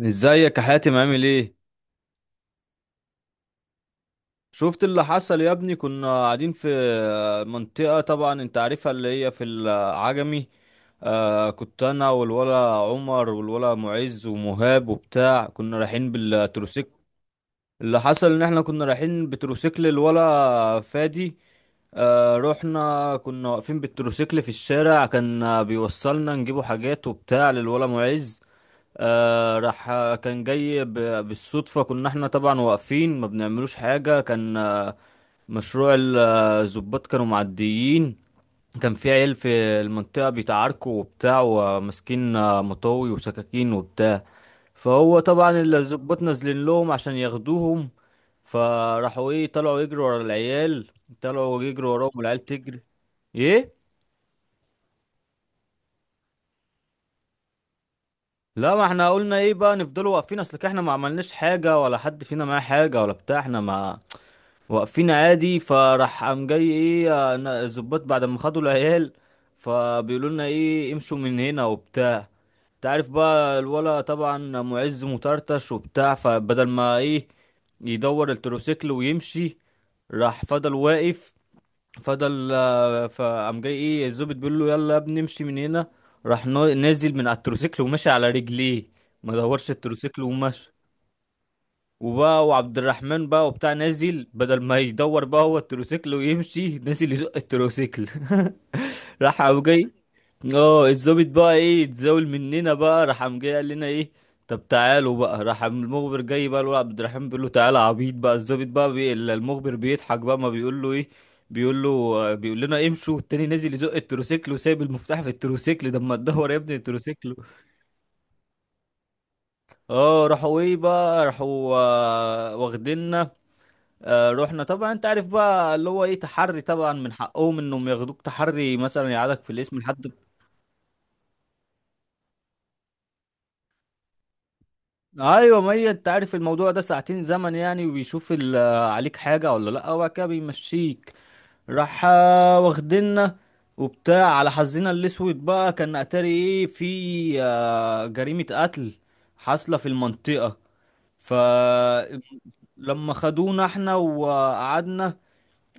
ازيك يا حاتم، عامل ايه؟ شفت اللي حصل يا ابني؟ كنا قاعدين في منطقة طبعا انت عارفها، اللي هي في العجمي. كنت انا والولا عمر والولا معز ومهاب وبتاع، كنا رايحين بالتروسيك. اللي حصل ان احنا كنا رايحين بتروسيكل الولا فادي. رحنا كنا واقفين بالتروسيكل في الشارع، كان بيوصلنا نجيبوا حاجات وبتاع للولا معز. راح كان جاي بالصدفة. كنا احنا طبعا واقفين ما بنعملوش حاجة، كان مشروع الظباط كانوا معديين. كان في عيال في المنطقة بيتعاركوا وبتاع وماسكين مطاوي وسكاكين وبتاع. فهو طبعا اللي الظباط نازلين لهم عشان ياخدوهم. فراحوا ايه، طلعوا يجروا ورا العيال. طلعوا يجروا وراهم والعيال تجري. ايه. لا، ما احنا قلنا ايه بقى نفضلوا واقفين، اصل احنا ما عملناش حاجة ولا حد فينا معاه حاجة ولا بتاع، احنا ما واقفين عادي. فراح قام جاي ايه، الظباط بعد ما خدوا العيال فبيقولوا لنا ايه، امشوا من هنا وبتاع. تعرف بقى الولا طبعا معز مطرطش وبتاع، فبدل ما ايه يدور التروسيكل ويمشي، راح فضل واقف. فضل فقام جاي ايه الظابط بيقول له يلا يا ابني امشي من هنا. راح نازل من على التروسيكل وماشي على رجليه، ما دورش التروسيكل ومشي. وبقى وعبد الرحمن بقى وبتاع نازل، بدل ما يدور بقى هو التروسيكل ويمشي، نازل يزق التروسيكل. راح قام جاي اه الظابط بقى ايه اتزاول مننا. بقى راح قام جاي قال لنا ايه، طب تعالوا بقى. راح قام المخبر جاي بقى، الولد عبد الرحمن بيقول له تعالى يا عبيط بقى، الظابط بقى المخبر بيضحك بقى، ما بيقول له ايه، بيقول له بيقول لنا امشوا التاني. نازل يزق التروسيكل وسايب المفتاح في التروسيكل، ده ما تدور يا ابني التروسيكل. اه راحوا ايه بقى، راحوا واخديننا. رحنا طبعا انت عارف بقى اللي هو ايه تحري، طبعا من حقهم انهم ياخدوك تحري مثلا، يقعدك في الاسم لحد. ايوه، ما هي انت عارف الموضوع ده ساعتين زمن يعني، وبيشوف عليك حاجه ولا لا، وبعد كده بيمشيك. راح واخدنا وبتاع. على حظنا الاسود بقى كان اتاري ايه في جريمه قتل حاصله في المنطقه. فلما خدونا احنا وقعدنا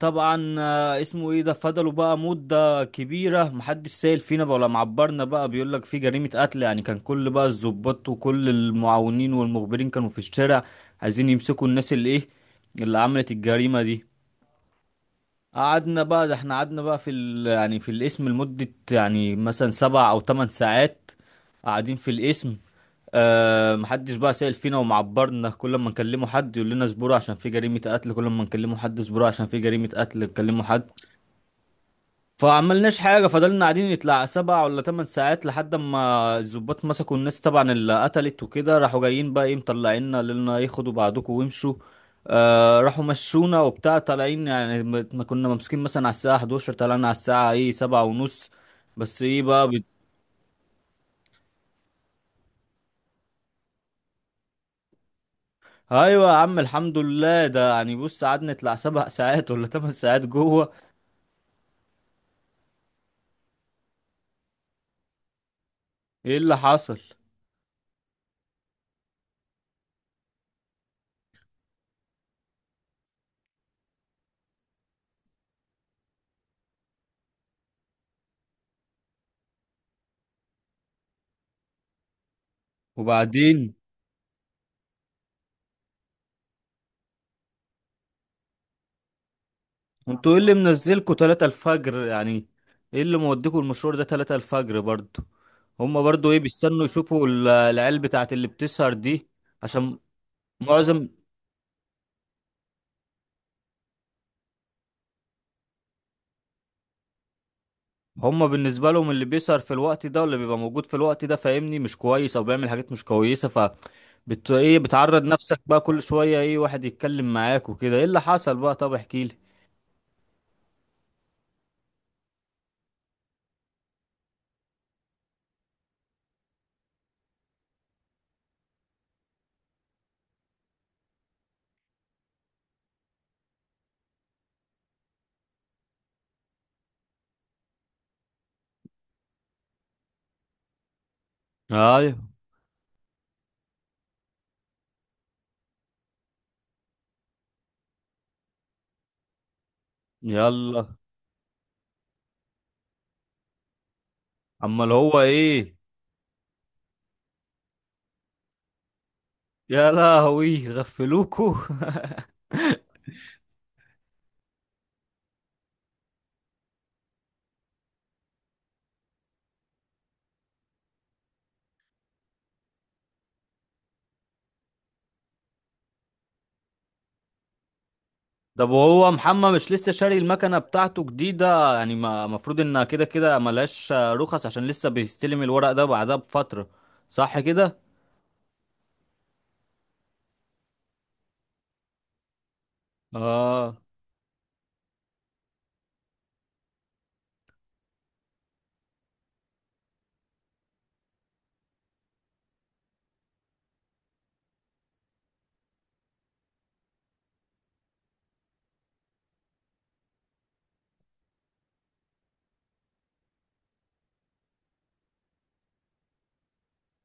طبعا اسمه ايه ده، فضلوا بقى مدة كبيرة محدش سائل فينا بقى ولا معبرنا بقى، بيقول لك في جريمة قتل يعني. كان كل بقى الضباط وكل المعاونين والمخبرين كانوا في الشارع عايزين يمسكوا الناس اللي ايه، اللي عملت الجريمة دي. قعدنا بقى، ده احنا قعدنا بقى في ال يعني في القسم لمدة يعني مثلا 7 او 8 ساعات قاعدين في القسم. محدش بقى سائل فينا ومعبرنا، كل ما نكلمه حد يقول لنا اصبروا عشان في جريمة قتل، كل ما نكلمه حد اصبروا عشان في جريمة قتل نكلمه حد. فعملناش حاجة، فضلنا قاعدين يطلع 7 ولا 8 ساعات لحد ما الظباط مسكوا الناس طبعا اللي قتلت وكده. راحوا جايين بقى ايه مطلعيننا، لنا ياخدوا بعضكم وامشوا. راحوا مشونا وبتاع طالعين يعني، ما كنا ممسوكين مثلا على الساعة 11، طلعنا على الساعة ايه 7:30. بس ايه بقى ايوه يا عم الحمد لله. ده يعني بص قعدنا نطلع سبع ساعات ولا تمن ساعات جوه. ايه اللي حصل؟ وبعدين انتوا ايه اللي منزلكوا 3 الفجر يعني؟ ايه اللي موديكوا المشوار ده 3 الفجر برضو؟ هما برضو ايه بيستنوا يشوفوا العيال بتاعت اللي بتسهر دي. عشان معظم، هما بالنسبة لهم اللي بيسهر في الوقت ده واللي بيبقى موجود في الوقت ده فاهمني مش كويس او بيعمل حاجات مش كويسة. فبت ايه، بتعرض نفسك بقى كل شوية ايه، واحد يتكلم معاك وكده. ايه اللي حصل بقى، طب احكيلي. ايوه. يلا. امال هو ايه؟ يا لهوي غفلوكوا. طب وهو محمد مش لسه شاري المكنة بتاعته جديدة يعني؟ ما المفروض انها كده كده ملهاش رخص عشان لسه بيستلم الورق ده بعدها بفترة، صح كده؟ اه،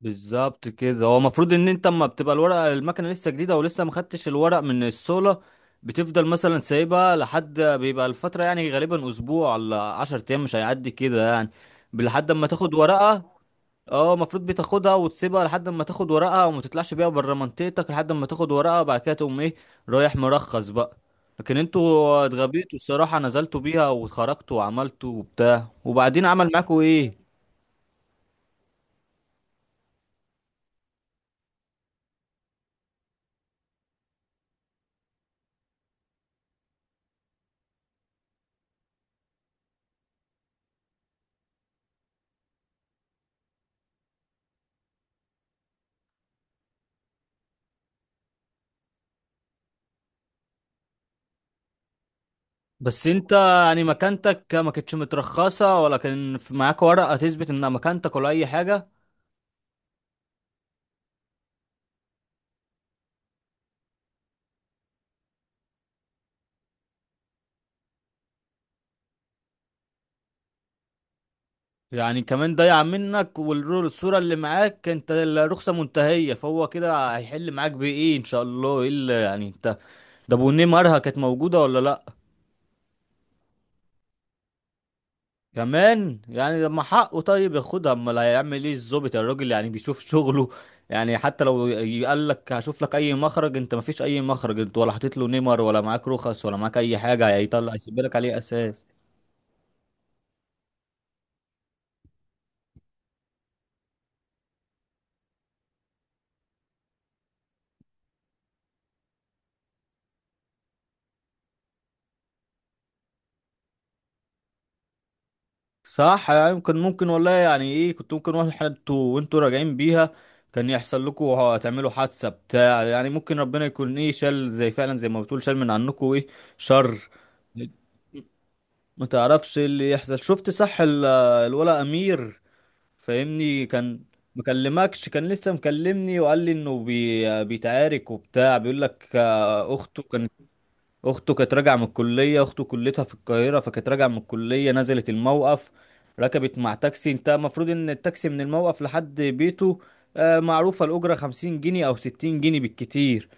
بالظبط كده. هو المفروض ان انت اما بتبقى الورقة المكنة لسه جديدة ولسه ما خدتش الورق من الصولة، بتفضل مثلا سايبها لحد بيبقى الفترة يعني غالبا اسبوع ولا 10 ايام مش هيعدي كده يعني، لحد اما تاخد ورقة. اه، المفروض بتاخدها وتسيبها لحد ما تاخد ورقها، وما تطلعش بيها بره منطقتك لحد ما تاخد ورقها، وبعد كده تقوم ايه رايح مرخص بقى. لكن انتوا اتغبيتوا الصراحة، نزلتوا بيها واتخرجتوا وعملتوا وبتاع. وبعدين عمل معاكوا ايه؟ بس انت يعني مكانتك ما كانتش مترخصة، ولا كان معاك ورقة تثبت ان مكانتك ولا اي حاجة؟ يعني كمان ضايع منك، والصورة اللي معاك انت الرخصة منتهية، فهو كده هيحل معاك بايه ان شاء الله؟ ايه اللي يعني انت، ده بونيه مرها كانت موجودة ولا لا؟ كمان يعني لما حقه طيب ياخدها. امال هيعمل ايه الظابط، الراجل يعني بيشوف شغله. يعني حتى لو يقال لك هشوف لك اي مخرج، انت مفيش اي مخرج، انت ولا حاطط له نمر ولا معاك رخص ولا معاك اي حاجه، هيطلع يسيب لك عليه اساس. صح يعني، ممكن ممكن والله يعني ايه، كنت ممكن واحد انتوا وانتوا راجعين بيها كان يحصل لكم، هتعملوا حادثه بتاع يعني. ممكن ربنا يكون ايه شال، زي فعلا زي ما بتقول شال من عنكم ايه شر. ما تعرفش إيه اللي يحصل. شفت صح الولا امير فاهمني كان مكلمكش؟ كان لسه مكلمني وقال لي انه بيتعارك وبتاع، بيقول لك اخته كانت، اخته كانت راجعه من الكليه، اخته كليتها في القاهره، فكانت راجعه من الكليه نزلت الموقف ركبت مع تاكسي. انت المفروض ان التاكسي من الموقف لحد بيته معروفه الاجره 50 جنيه او 60 جنيه بالكتير.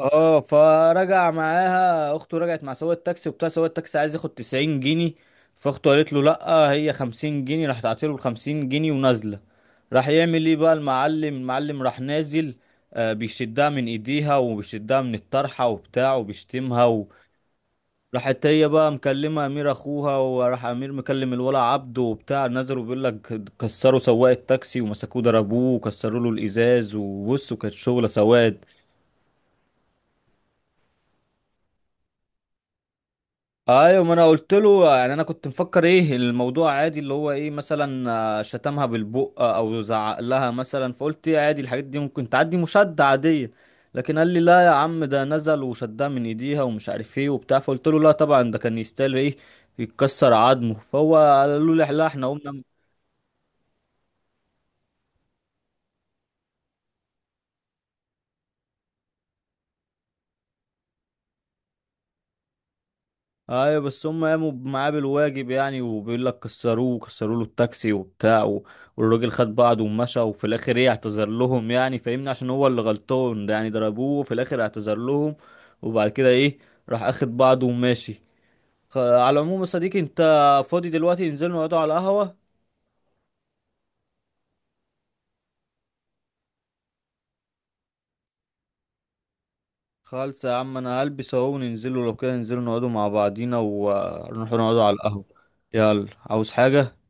اه فرجع معاها اخته، رجعت مع سواق التاكسي وبتاع، سواق التاكسي عايز ياخد 90 جنيه. فاخته قالت له لا، هي 50 جنيه. راح تعطيله ال 50 جنيه ونازله. راح يعمل ايه بقى المعلم، المعلم راح نازل بيشدها من ايديها وبيشدها من الطرحه وبتاع وبيشتمها. راحت هي بقى مكلمه امير اخوها، وراح امير مكلم الولا عبده وبتاع نزلوا، بيقول لك كسروا سواق التاكسي ومسكوه ضربوه وكسروا له الازاز وبص، وكانت شغله سواد. ايوه، ما انا قلت له، يعني انا كنت مفكر ايه الموضوع عادي اللي هو ايه، مثلا شتمها بالبق او زعق لها مثلا، فقلت ايه عادي الحاجات دي ممكن تعدي مشادة عادية. لكن قال لي لا يا عم، ده نزل وشدها من ايديها ومش عارف ايه وبتاع، فقلت له لا طبعا، ده كان يستاهل ايه يتكسر عظمه. فهو قال له لا لا، احنا قمنا. ايوه بس هم قاموا معاه بالواجب يعني، وبيقول لك كسروه كسروا له التاكسي وبتاع والراجل خد بعضه ومشى، وفي الاخر ايه اعتذر لهم يعني فاهمني، عشان هو اللي غلطان ده، يعني ضربوه وفي الاخر اعتذر لهم، وبعد كده ايه راح اخد بعضه وماشي. على العموم يا صديقي، انت فاضي دلوقتي ننزل نقعدوا على القهوة؟ خالص يا عم، انا هلبس اهو وننزلوا. لو كده ننزلوا نقعدوا مع بعضينا ونروحوا نقعدوا على القهوة. يلا، عاوز حاجة؟